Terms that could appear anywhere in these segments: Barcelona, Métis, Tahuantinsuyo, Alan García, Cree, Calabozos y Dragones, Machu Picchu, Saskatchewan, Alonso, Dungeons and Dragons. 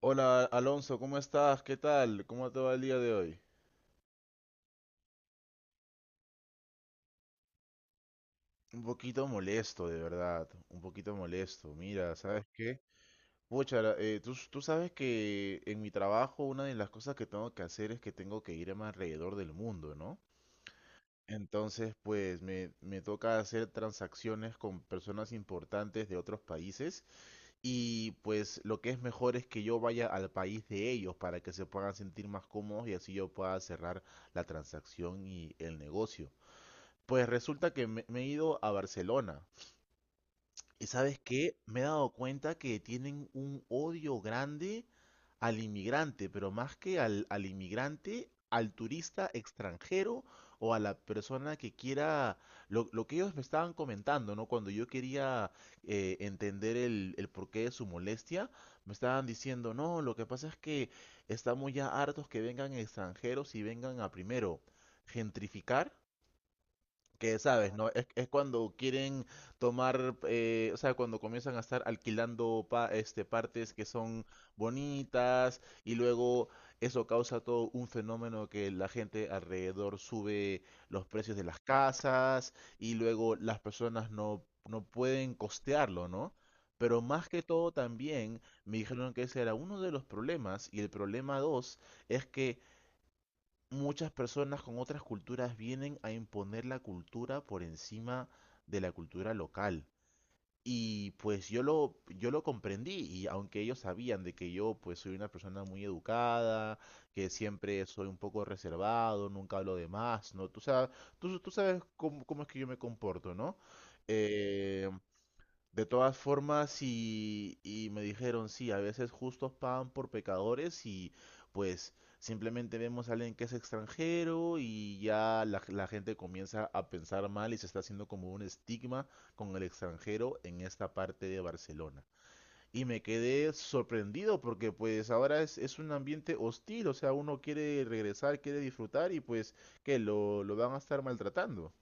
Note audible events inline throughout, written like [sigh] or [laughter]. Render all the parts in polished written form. Hola Alonso, ¿cómo estás? ¿Qué tal? ¿Cómo te va el día de hoy? Un poquito molesto, de verdad, un poquito molesto. Mira, ¿sabes qué? Pucha, tú sabes que en mi trabajo una de las cosas que tengo que hacer es que tengo que irme alrededor del mundo, ¿no? Entonces, pues me toca hacer transacciones con personas importantes de otros países y pues lo que es mejor es que yo vaya al país de ellos para que se puedan sentir más cómodos y así yo pueda cerrar la transacción y el negocio. Pues resulta que me he ido a Barcelona. ¿Y sabes qué? Me he dado cuenta que tienen un odio grande al inmigrante, pero más que al, inmigrante, al turista extranjero o a la persona que quiera, lo que ellos me estaban comentando, ¿no? Cuando yo quería entender el porqué de su molestia, me estaban diciendo, no, lo que pasa es que estamos ya hartos que vengan extranjeros y vengan a primero gentrificar que sabes, ¿no? Es cuando quieren tomar, o sea, cuando comienzan a estar alquilando partes que son bonitas, y luego eso causa todo un fenómeno que la gente alrededor sube los precios de las casas y luego las personas no pueden costearlo, ¿no? Pero más que todo también me dijeron que ese era uno de los problemas, y el problema dos es que muchas personas con otras culturas vienen a imponer la cultura por encima de la cultura local. Y pues yo lo comprendí, y aunque ellos sabían de que yo pues soy una persona muy educada, que siempre soy un poco reservado, nunca hablo de más, ¿no? Tú sabes, tú sabes cómo es que yo me comporto, ¿no? Eh, de todas formas, y me dijeron, sí, a veces justos pagan por pecadores, y pues simplemente vemos a alguien que es extranjero y ya la gente comienza a pensar mal, y se está haciendo como un estigma con el extranjero en esta parte de Barcelona. Y me quedé sorprendido porque pues ahora es un ambiente hostil, o sea, uno quiere regresar, quiere disfrutar, y pues que lo van a estar maltratando.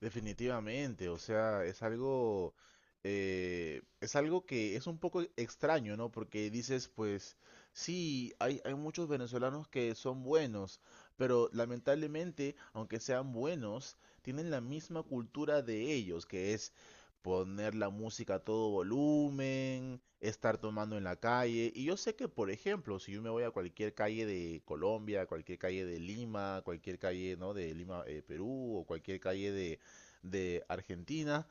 Definitivamente, o sea, es algo que es un poco extraño, ¿no? Porque dices, pues, sí, hay muchos venezolanos que son buenos, pero lamentablemente, aunque sean buenos, tienen la misma cultura de ellos, que es poner la música a todo volumen, estar tomando en la calle. Y yo sé que, por ejemplo, si yo me voy a cualquier calle de Colombia, cualquier calle de Lima, cualquier calle, ¿no? De Lima, Perú, o cualquier calle de Argentina.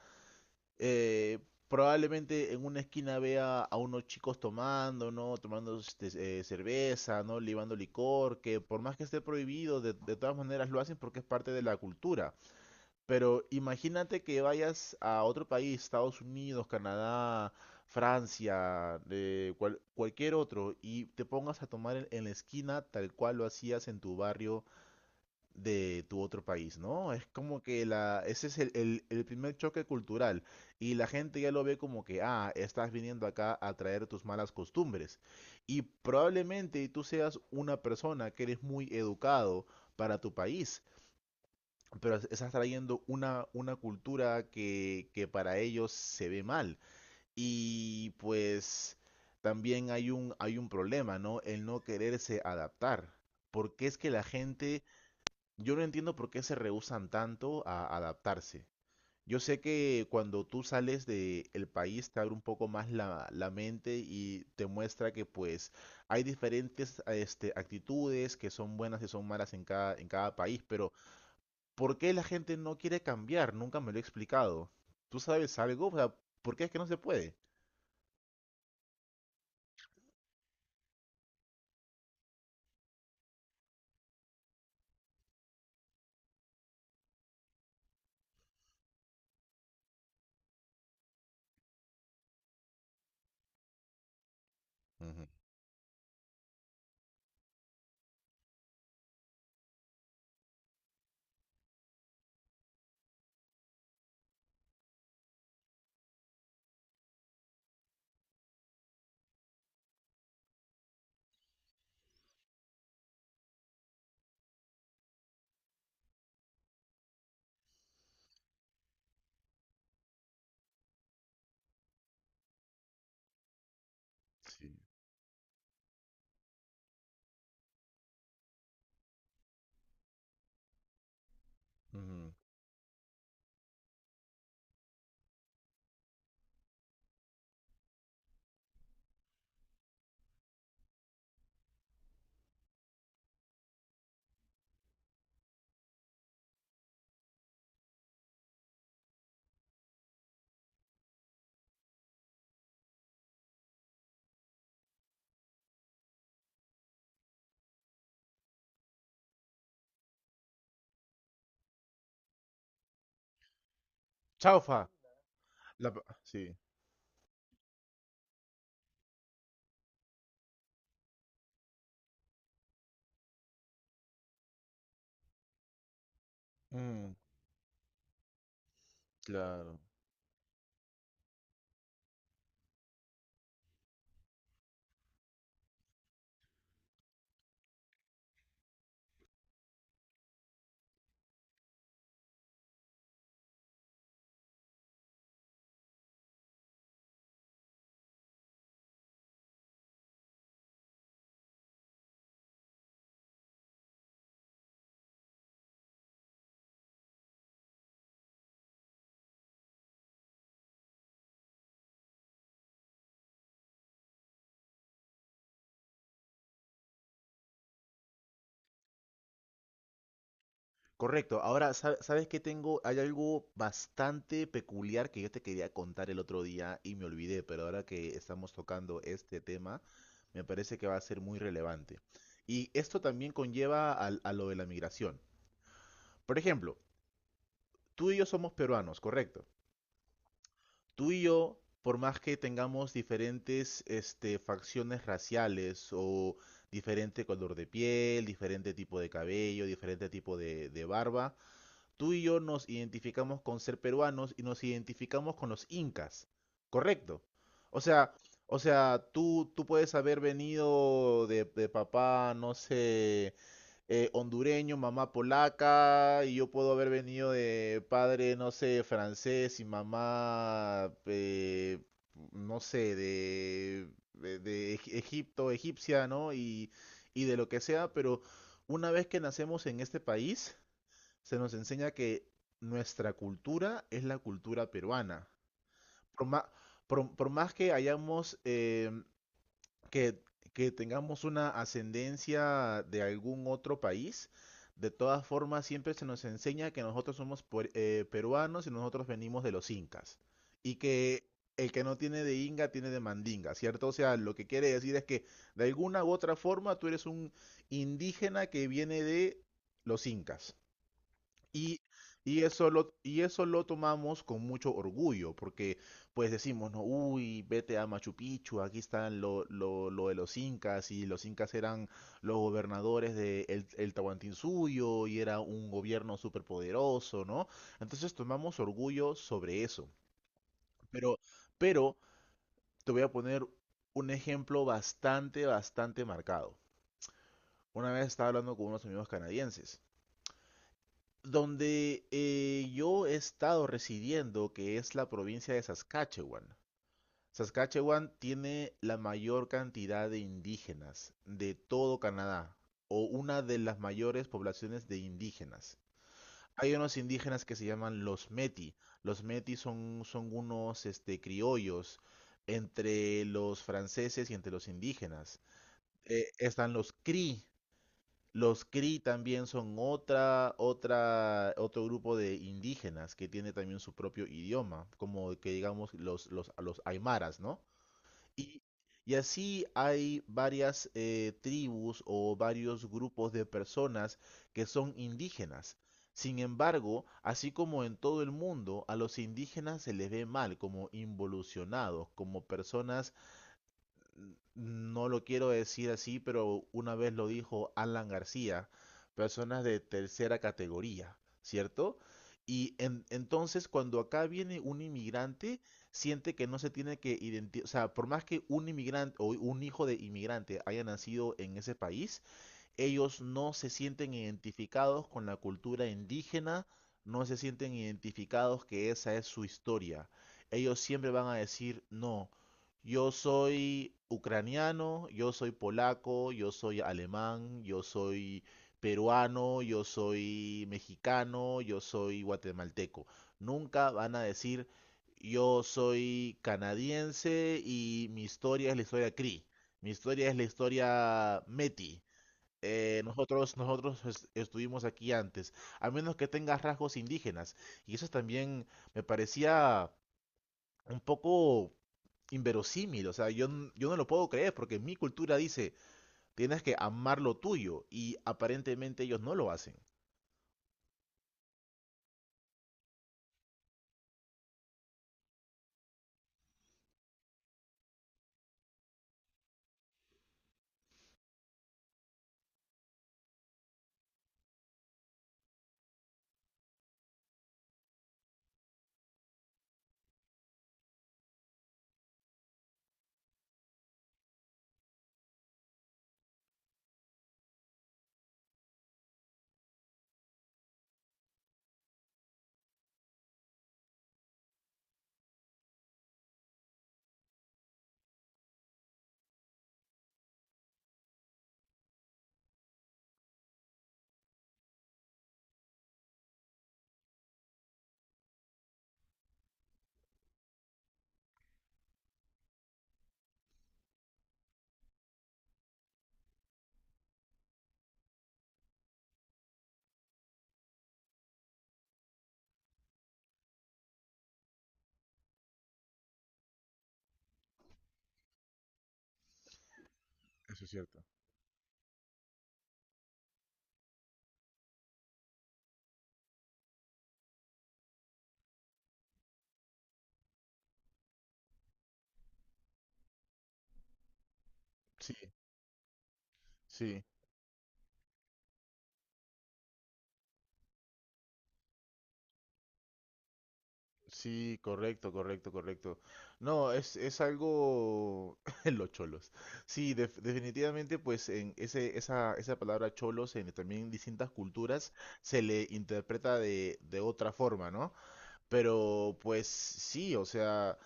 Eh, Probablemente en una esquina vea a unos chicos tomando, ¿no? Tomando cerveza, ¿no? Libando licor, que por más que esté prohibido, de todas maneras lo hacen porque es parte de la cultura. Pero imagínate que vayas a otro país, Estados Unidos, Canadá, Francia, cualquier otro, y te pongas a tomar en la esquina tal cual lo hacías en tu barrio de tu otro país, ¿no? Es como que ese es el primer choque cultural, y la gente ya lo ve como que, ah, estás viniendo acá a traer tus malas costumbres. Y probablemente tú seas una persona que eres muy educado para tu país, pero estás trayendo una cultura que, para ellos se ve mal. Y pues también hay un, problema, ¿no? El no quererse adaptar. Porque es que la gente, yo no entiendo por qué se rehúsan tanto a adaptarse. Yo sé que cuando tú sales del país te abre un poco más la mente, y te muestra que pues hay diferentes actitudes que son buenas y son malas en cada, país, pero ¿por qué la gente no quiere cambiar? Nunca me lo he explicado. ¿Tú sabes algo? O sea, ¿por qué es que no se puede? Ujú, sí. Ujú. Chaufa. Sí. Mm, claro. Correcto. Ahora, ¿sabes qué tengo? Hay algo bastante peculiar que yo te quería contar el otro día y me olvidé, pero ahora que estamos tocando este tema, me parece que va a ser muy relevante. Y esto también conlleva lo de la migración. Por ejemplo, tú y yo somos peruanos, correcto. Tú y yo, por más que tengamos diferentes facciones raciales o diferente color de piel, diferente tipo de cabello, diferente tipo de barba, tú y yo nos identificamos con ser peruanos y nos identificamos con los incas, ¿correcto? O sea, o sea, tú puedes haber venido de, papá, no sé, hondureño, mamá polaca, y yo puedo haber venido de padre, no sé, francés, y mamá, no sé, de, Egipto, egipcia, ¿no? Y de lo que sea, pero una vez que nacemos en este país, se nos enseña que nuestra cultura es la cultura peruana. Por más, por más que hayamos, que, tengamos una ascendencia de algún otro país, de todas formas siempre se nos enseña que nosotros somos peruanos y nosotros venimos de los incas. Y que el que no tiene de inga tiene de mandinga, ¿cierto? O sea, lo que quiere decir es que de alguna u otra forma tú eres un indígena que viene de los incas. Y, y eso lo tomamos con mucho orgullo, porque pues decimos, no, uy, vete a Machu Picchu, aquí están lo, de los incas, y los incas eran los gobernadores de el, Tahuantinsuyo, y era un gobierno superpoderoso, ¿no? Entonces tomamos orgullo sobre eso. Pero, pero te voy a poner un ejemplo bastante, bastante marcado. Una vez estaba hablando con unos amigos canadienses, donde yo he estado residiendo, que es la provincia de Saskatchewan. Saskatchewan tiene la mayor cantidad de indígenas de todo Canadá, o una de las mayores poblaciones de indígenas. Hay unos indígenas que se llaman los Métis. Los Métis son, unos criollos entre los franceses y entre los indígenas. Están los Cree, también son otra, otro grupo de indígenas que tiene también su propio idioma, como que digamos los, aymaras, ¿no? Y, y así hay varias tribus o varios grupos de personas que son indígenas. Sin embargo, así como en todo el mundo, a los indígenas se les ve mal como involucionados, como personas, no lo quiero decir así, pero una vez lo dijo Alan García, personas de tercera categoría, ¿cierto? Entonces cuando acá viene un inmigrante, siente que no se tiene que identificar, o sea, por más que un inmigrante o un hijo de inmigrante haya nacido en ese país, ellos no se sienten identificados con la cultura indígena, no se sienten identificados que esa es su historia. Ellos siempre van a decir, no, yo soy ucraniano, yo soy polaco, yo soy alemán, yo soy peruano, yo soy mexicano, yo soy guatemalteco. Nunca van a decir, yo soy canadiense y mi historia es la historia Cree, mi historia es la historia Meti, nosotros, estuvimos aquí antes, a menos que tenga rasgos indígenas. Y eso también me parecía un poco inverosímil. O sea, yo no lo puedo creer porque mi cultura dice, tienes que amar lo tuyo, y aparentemente ellos no lo hacen. Eso es cierto. Sí, sí. Sí, correcto, correcto, correcto. No, es algo. [laughs] Los cholos. Sí, definitivamente, pues en ese, esa palabra cholos en también distintas culturas se le interpreta de, otra forma, ¿no? Pero pues sí, o sea,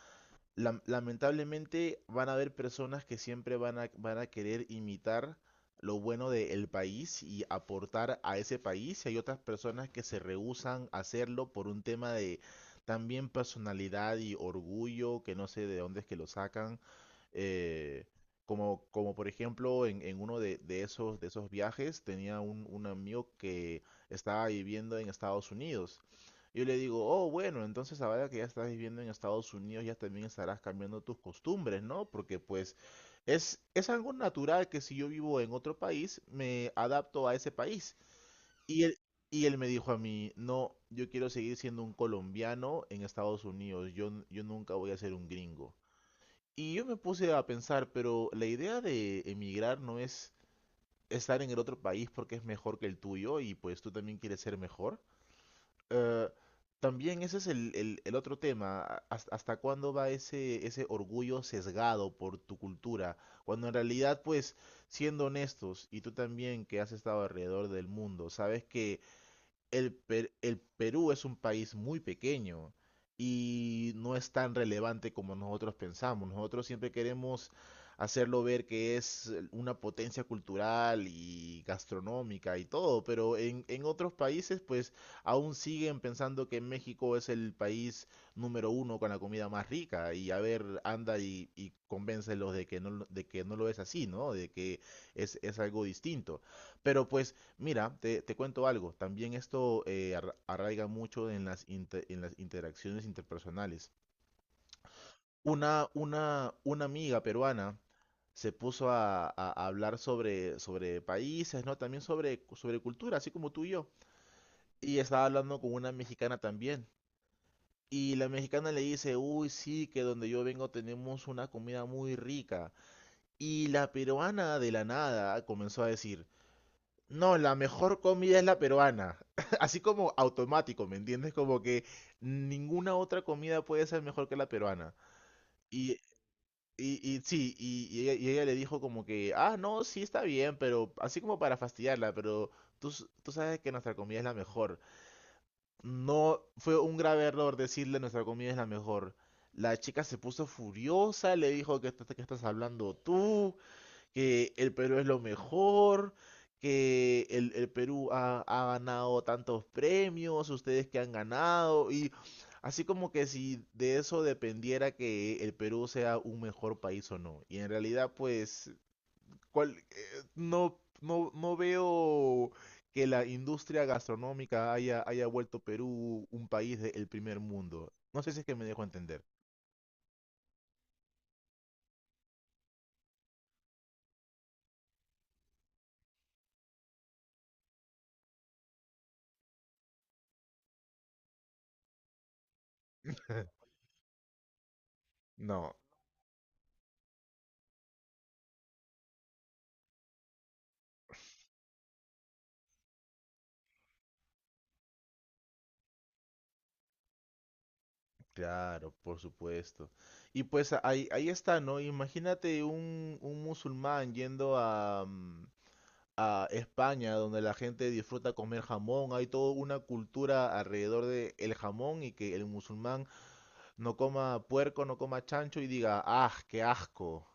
lamentablemente van a haber personas que siempre van a querer imitar lo bueno del país y aportar a ese país, y hay otras personas que se rehúsan a hacerlo por un tema de también personalidad y orgullo, que no sé de dónde es que lo sacan, eh, como, por ejemplo, en, uno de, esos viajes tenía un, amigo que estaba viviendo en Estados Unidos. Yo le digo, oh, bueno, entonces ahora que ya estás viviendo en Estados Unidos, ya también estarás cambiando tus costumbres, ¿no? Porque pues es algo natural que si yo vivo en otro país, me adapto a ese país. Y él, y él me dijo a mí, no, yo quiero seguir siendo un colombiano en Estados Unidos, yo nunca voy a ser un gringo. Y yo me puse a pensar, pero la idea de emigrar no es estar en el otro país porque es mejor que el tuyo, y pues tú también quieres ser mejor. Eh, También ese es el, el otro tema, hasta cuándo va ese, orgullo sesgado por tu cultura, cuando en realidad pues, siendo honestos, y tú también que has estado alrededor del mundo, sabes que el, el Perú es un país muy pequeño y no es tan relevante como nosotros pensamos. Nosotros siempre queremos hacerlo ver que es una potencia cultural y gastronómica y todo, pero en, otros países pues aún siguen pensando que México es el país número uno con la comida más rica, y a ver, anda y convéncelos de que no, de que no lo es así, ¿no? De que es algo distinto. Pero pues, mira, te cuento algo. También esto arraiga mucho en las, interacciones interpersonales. Una amiga peruana se puso a hablar sobre, países, ¿no? También sobre, cultura, así como tú y yo. Y estaba hablando con una mexicana también. Y la mexicana le dice, uy, sí, que donde yo vengo tenemos una comida muy rica. Y la peruana, de la nada, comenzó a decir, no, la mejor comida es la peruana. [laughs] Así como automático, ¿me entiendes? Como que ninguna otra comida puede ser mejor que la peruana. Y, y sí, y ella le dijo como que, ah, no, sí está bien, pero así como para fastidiarla, pero tú sabes que nuestra comida es la mejor. No, fue un grave error decirle nuestra comida es la mejor. La chica se puso furiosa, le dijo que, que estás hablando tú que el Perú es lo mejor, que el, Perú ha, ganado tantos premios, ustedes que han ganado, y así como que si de eso dependiera que el Perú sea un mejor país o no. Y en realidad, pues, no, no, no veo que la industria gastronómica haya, vuelto Perú un país del primer mundo. No sé si es que me dejo entender. No, claro, por supuesto. Y pues ahí está, ¿no? Imagínate un, musulmán yendo a España, donde la gente disfruta comer jamón, hay toda una cultura alrededor de el jamón, y que el musulmán no coma puerco, no coma chancho y diga, ¡ah, qué asco!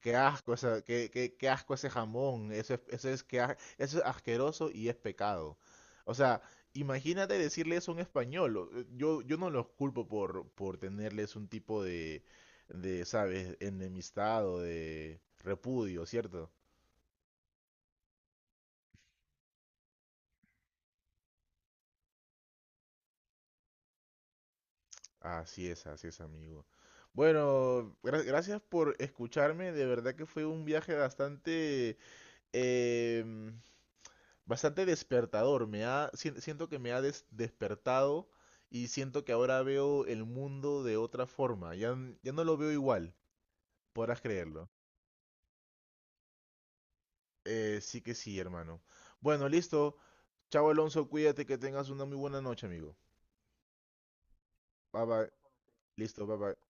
Qué asco, qué asco ese jamón. Eso es asqueroso y es pecado. O sea, imagínate decirle eso a un español. Yo, no los culpo por, tenerles un tipo de, ¿sabes? Enemistad o de repudio, ¿cierto? Así es, amigo. Bueno, gracias por escucharme. De verdad que fue un viaje bastante em, bastante despertador. Siento que me ha despertado, y siento que ahora veo el mundo de otra forma. Ya no lo veo igual, podrás creerlo. Sí que sí, hermano. Bueno, listo. Chao, Alonso, cuídate que tengas una muy buena noche, amigo. Bye bye. Listo, bye bye.